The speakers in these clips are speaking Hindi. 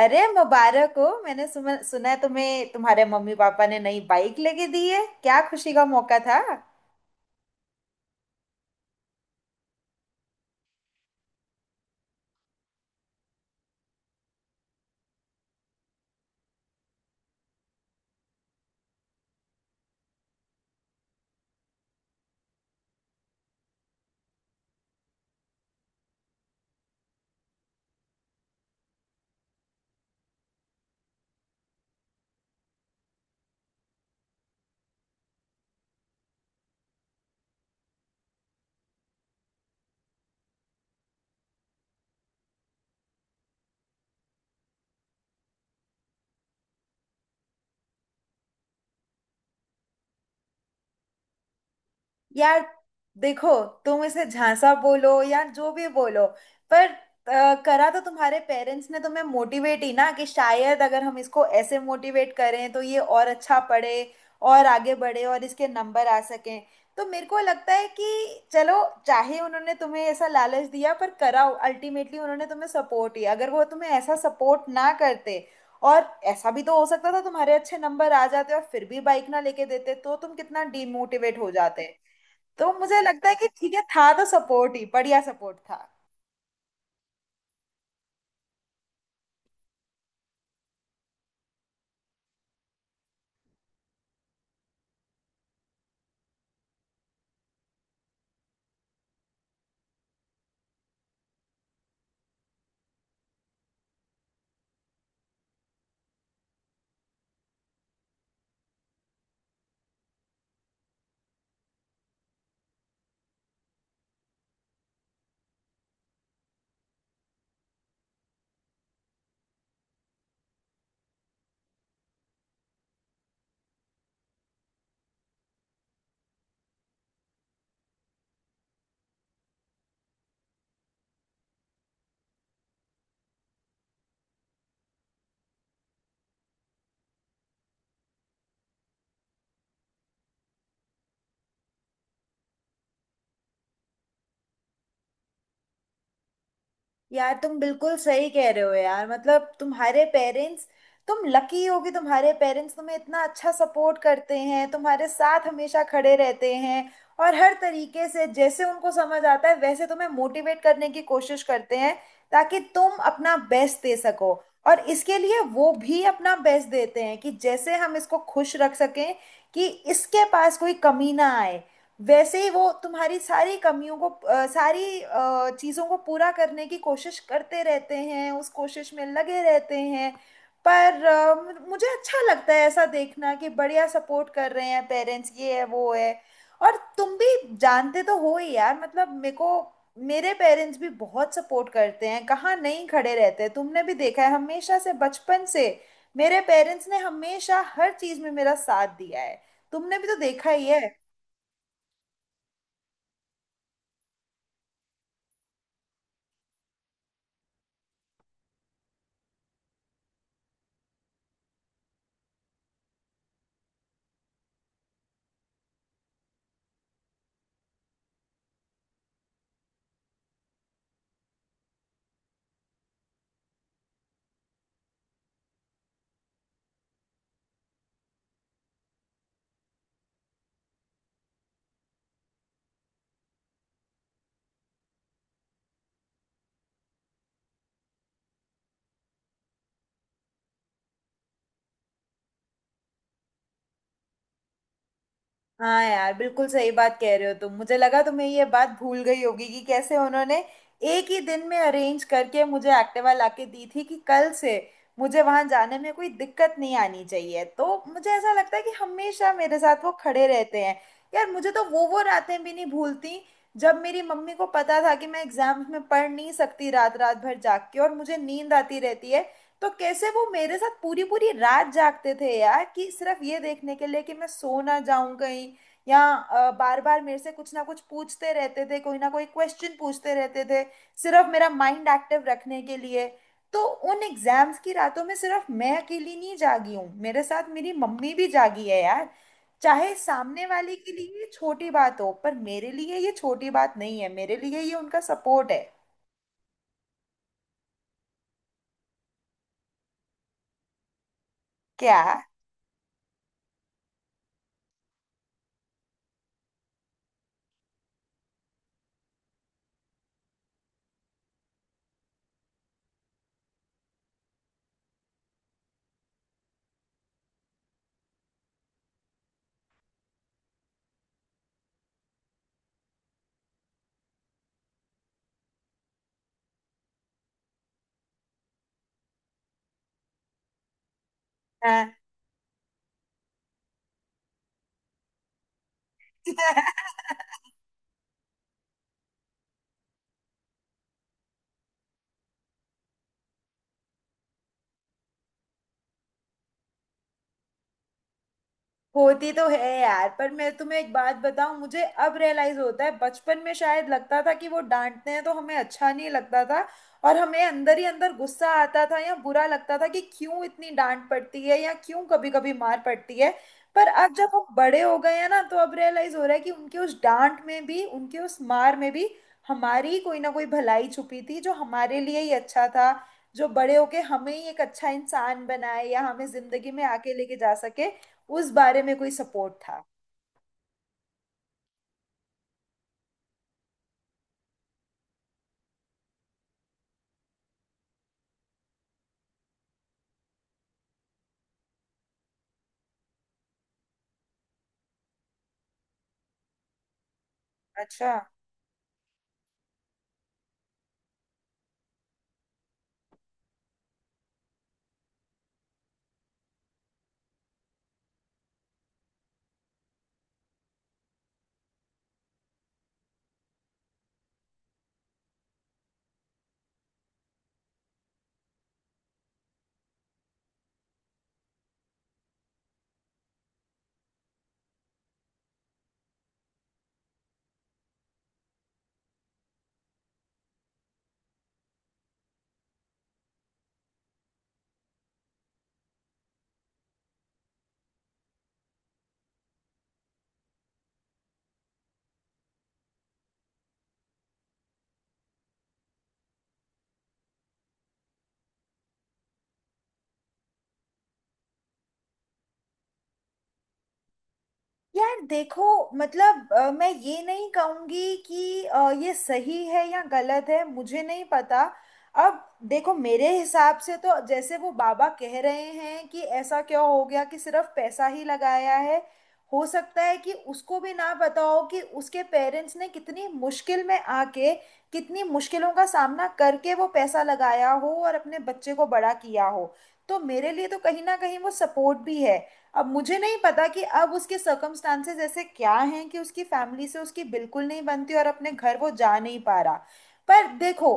अरे, मुबारक हो। मैंने सुना सुना है तुम्हें तुम्हारे मम्मी पापा ने नई बाइक लेके दी है। क्या खुशी का मौका था। यार, देखो, तुम इसे झांसा बोलो या जो भी बोलो, पर करा तो तुम्हारे पेरेंट्स ने तुम्हें मोटिवेट ही ना, कि शायद अगर हम इसको ऐसे मोटिवेट करें तो ये और अच्छा पढ़े और आगे बढ़े और इसके नंबर आ सकें। तो मेरे को लगता है कि चलो, चाहे उन्होंने तुम्हें ऐसा लालच दिया, पर कराओ अल्टीमेटली उन्होंने तुम्हें सपोर्ट ही। अगर वो तुम्हें ऐसा सपोर्ट ना करते और ऐसा भी तो हो सकता था, तुम्हारे अच्छे नंबर आ जाते और फिर भी बाइक ना लेके देते तो तुम कितना डीमोटिवेट हो जाते। तो मुझे लगता है कि ठीक है, था तो सपोर्ट ही, बढ़िया सपोर्ट था। यार, तुम बिल्कुल सही कह रहे हो यार। मतलब तुम्हारे पेरेंट्स, तुम लकी हो कि तुम्हारे पेरेंट्स तुम्हें इतना अच्छा सपोर्ट करते हैं, तुम्हारे साथ हमेशा खड़े रहते हैं और हर तरीके से जैसे उनको समझ आता है वैसे तुम्हें मोटिवेट करने की कोशिश करते हैं, ताकि तुम अपना बेस्ट दे सको। और इसके लिए वो भी अपना बेस्ट देते हैं कि जैसे हम इसको खुश रख सकें, कि इसके पास कोई कमी ना आए। वैसे ही वो तुम्हारी सारी कमियों को सारी चीजों को पूरा करने की कोशिश करते रहते हैं, उस कोशिश में लगे रहते हैं। पर मुझे अच्छा लगता है ऐसा देखना कि बढ़िया सपोर्ट कर रहे हैं पेरेंट्स, ये है वो है। और तुम भी जानते तो हो ही यार, मतलब मेरे को मेरे पेरेंट्स भी बहुत सपोर्ट करते हैं, कहाँ नहीं खड़े रहते। तुमने भी देखा है हमेशा से, बचपन से मेरे पेरेंट्स ने हमेशा हर चीज में मेरा साथ दिया है, तुमने भी तो देखा ही है। हाँ यार, बिल्कुल सही बात कह रहे हो तुम। मुझे लगा तुम्हें ये बात भूल गई होगी कि कैसे उन्होंने एक ही दिन में अरेंज करके मुझे एक्टिवा लाके दी थी, कि कल से मुझे वहां जाने में कोई दिक्कत नहीं आनी चाहिए। तो मुझे ऐसा लगता है कि हमेशा मेरे साथ वो खड़े रहते हैं। यार, मुझे तो वो रातें भी नहीं भूलती जब मेरी मम्मी को पता था कि मैं एग्जाम्स में पढ़ नहीं सकती रात रात भर जाग के, और मुझे नींद आती रहती है। तो कैसे वो मेरे साथ पूरी पूरी रात जागते थे यार, कि सिर्फ ये देखने के लिए कि मैं सो ना जाऊं कहीं, या बार बार मेरे से कुछ ना कुछ पूछते रहते थे, कोई ना कोई क्वेश्चन पूछते रहते थे, सिर्फ मेरा माइंड एक्टिव रखने के लिए। तो उन एग्जाम्स की रातों में सिर्फ मैं अकेली नहीं जागी हूँ, मेरे साथ मेरी मम्मी भी जागी है यार। चाहे सामने वाले के लिए ये छोटी बात हो पर मेरे लिए ये छोटी बात नहीं है, मेरे लिए ये उनका सपोर्ट है। क्या? हाँ। होती तो है यार, पर मैं तुम्हें एक बात बताऊं, मुझे अब रियलाइज होता है, बचपन में शायद लगता था कि वो डांटते हैं तो हमें अच्छा नहीं लगता था, और हमें अंदर ही अंदर गुस्सा आता था या बुरा लगता था कि क्यों इतनी डांट पड़ती है या क्यों कभी कभी मार पड़ती है। पर अब जब हम बड़े हो गए हैं ना, तो अब रियलाइज हो रहा है कि उनके उस डांट में भी, उनके उस मार में भी हमारी ही कोई ना कोई भलाई छुपी थी, जो हमारे लिए ही अच्छा था, जो बड़े होके हमें ही एक अच्छा इंसान बनाए या हमें जिंदगी में आगे लेके जा सके। उस बारे में कोई सपोर्ट था। अच्छा। यार देखो, मतलब मैं ये नहीं कहूंगी कि ये सही है या गलत है, मुझे नहीं पता। अब देखो, मेरे हिसाब से तो जैसे वो बाबा कह रहे हैं कि ऐसा क्या हो गया कि सिर्फ पैसा ही लगाया है। हो सकता है कि उसको भी ना पता हो कि उसके पेरेंट्स ने कितनी मुश्किल में आके, कितनी मुश्किलों का सामना करके वो पैसा लगाया हो और अपने बच्चे को बड़ा किया हो। तो मेरे लिए तो कहीं ना कहीं वो सपोर्ट भी है। अब मुझे नहीं पता कि अब उसके सर्कमस्टांसेस ऐसे क्या हैं कि उसकी फैमिली से उसकी बिल्कुल नहीं बनती और अपने घर वो जा नहीं पा रहा। पर देखो,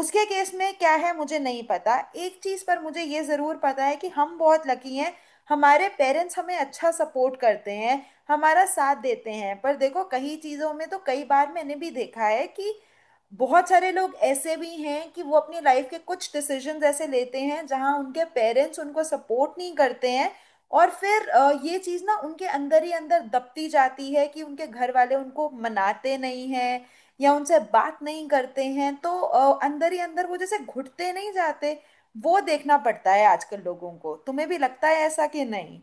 उसके केस में क्या है मुझे नहीं पता। एक चीज़ पर मुझे ये ज़रूर पता है कि हम बहुत लकी हैं, हमारे पेरेंट्स हमें अच्छा सपोर्ट करते हैं, हमारा साथ देते हैं। पर देखो, कई चीज़ों में तो कई बार मैंने भी देखा है कि बहुत सारे लोग ऐसे भी हैं कि वो अपनी लाइफ के कुछ डिसीजंस ऐसे लेते हैं जहां उनके पेरेंट्स उनको सपोर्ट नहीं करते हैं। और फिर ये चीज़ ना उनके अंदर ही अंदर दबती जाती है कि उनके घर वाले उनको मनाते नहीं हैं या उनसे बात नहीं करते हैं। तो अंदर ही अंदर वो जैसे घुटते नहीं जाते, वो देखना पड़ता है आजकल लोगों को। तुम्हें भी लगता है ऐसा कि नहीं?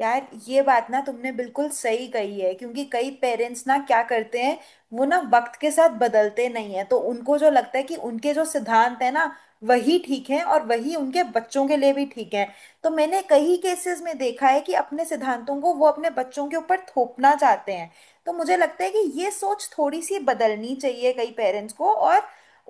यार, ये बात ना तुमने बिल्कुल सही कही है, क्योंकि कई पेरेंट्स ना क्या करते हैं, वो ना वक्त के साथ बदलते नहीं है। तो उनको जो लगता है कि उनके जो सिद्धांत है ना, वही ठीक है और वही उनके बच्चों के लिए भी ठीक है। तो मैंने कई केसेस में देखा है कि अपने सिद्धांतों को वो अपने बच्चों के ऊपर थोपना चाहते हैं। तो मुझे लगता है कि ये सोच थोड़ी सी बदलनी चाहिए कई पेरेंट्स को। और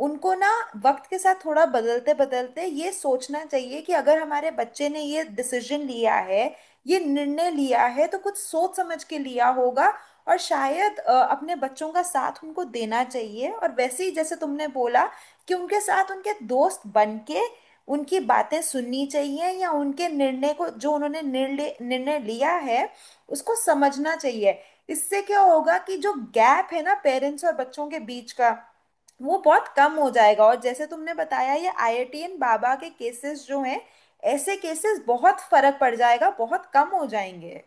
उनको ना वक्त के साथ थोड़ा बदलते बदलते ये सोचना चाहिए कि अगर हमारे बच्चे ने ये डिसीजन लिया है, ये निर्णय लिया है, तो कुछ सोच समझ के लिया होगा। और शायद अपने बच्चों का साथ उनको देना चाहिए और वैसे ही जैसे तुमने बोला कि उनके साथ उनके दोस्त बन के उनकी बातें सुननी चाहिए या उनके निर्णय को, जो उन्होंने निर्णय निर्णय लिया है, उसको समझना चाहिए। इससे क्या होगा कि जो गैप है ना पेरेंट्स और बच्चों के बीच का, वो बहुत कम हो जाएगा। और जैसे तुमने बताया ये आईआईटीएन बाबा के केसेस जो हैं, ऐसे केसेस बहुत फर्क पड़ जाएगा, बहुत कम हो जाएंगे।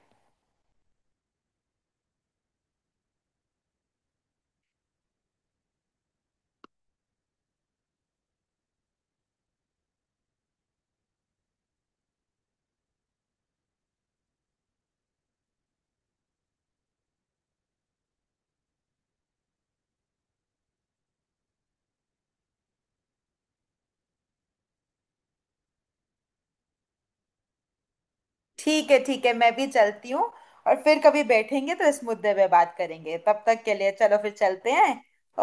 ठीक है ठीक है, मैं भी चलती हूँ। और फिर कभी बैठेंगे तो इस मुद्दे पे बात करेंगे, तब तक के लिए चलो फिर चलते हैं।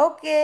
ओके।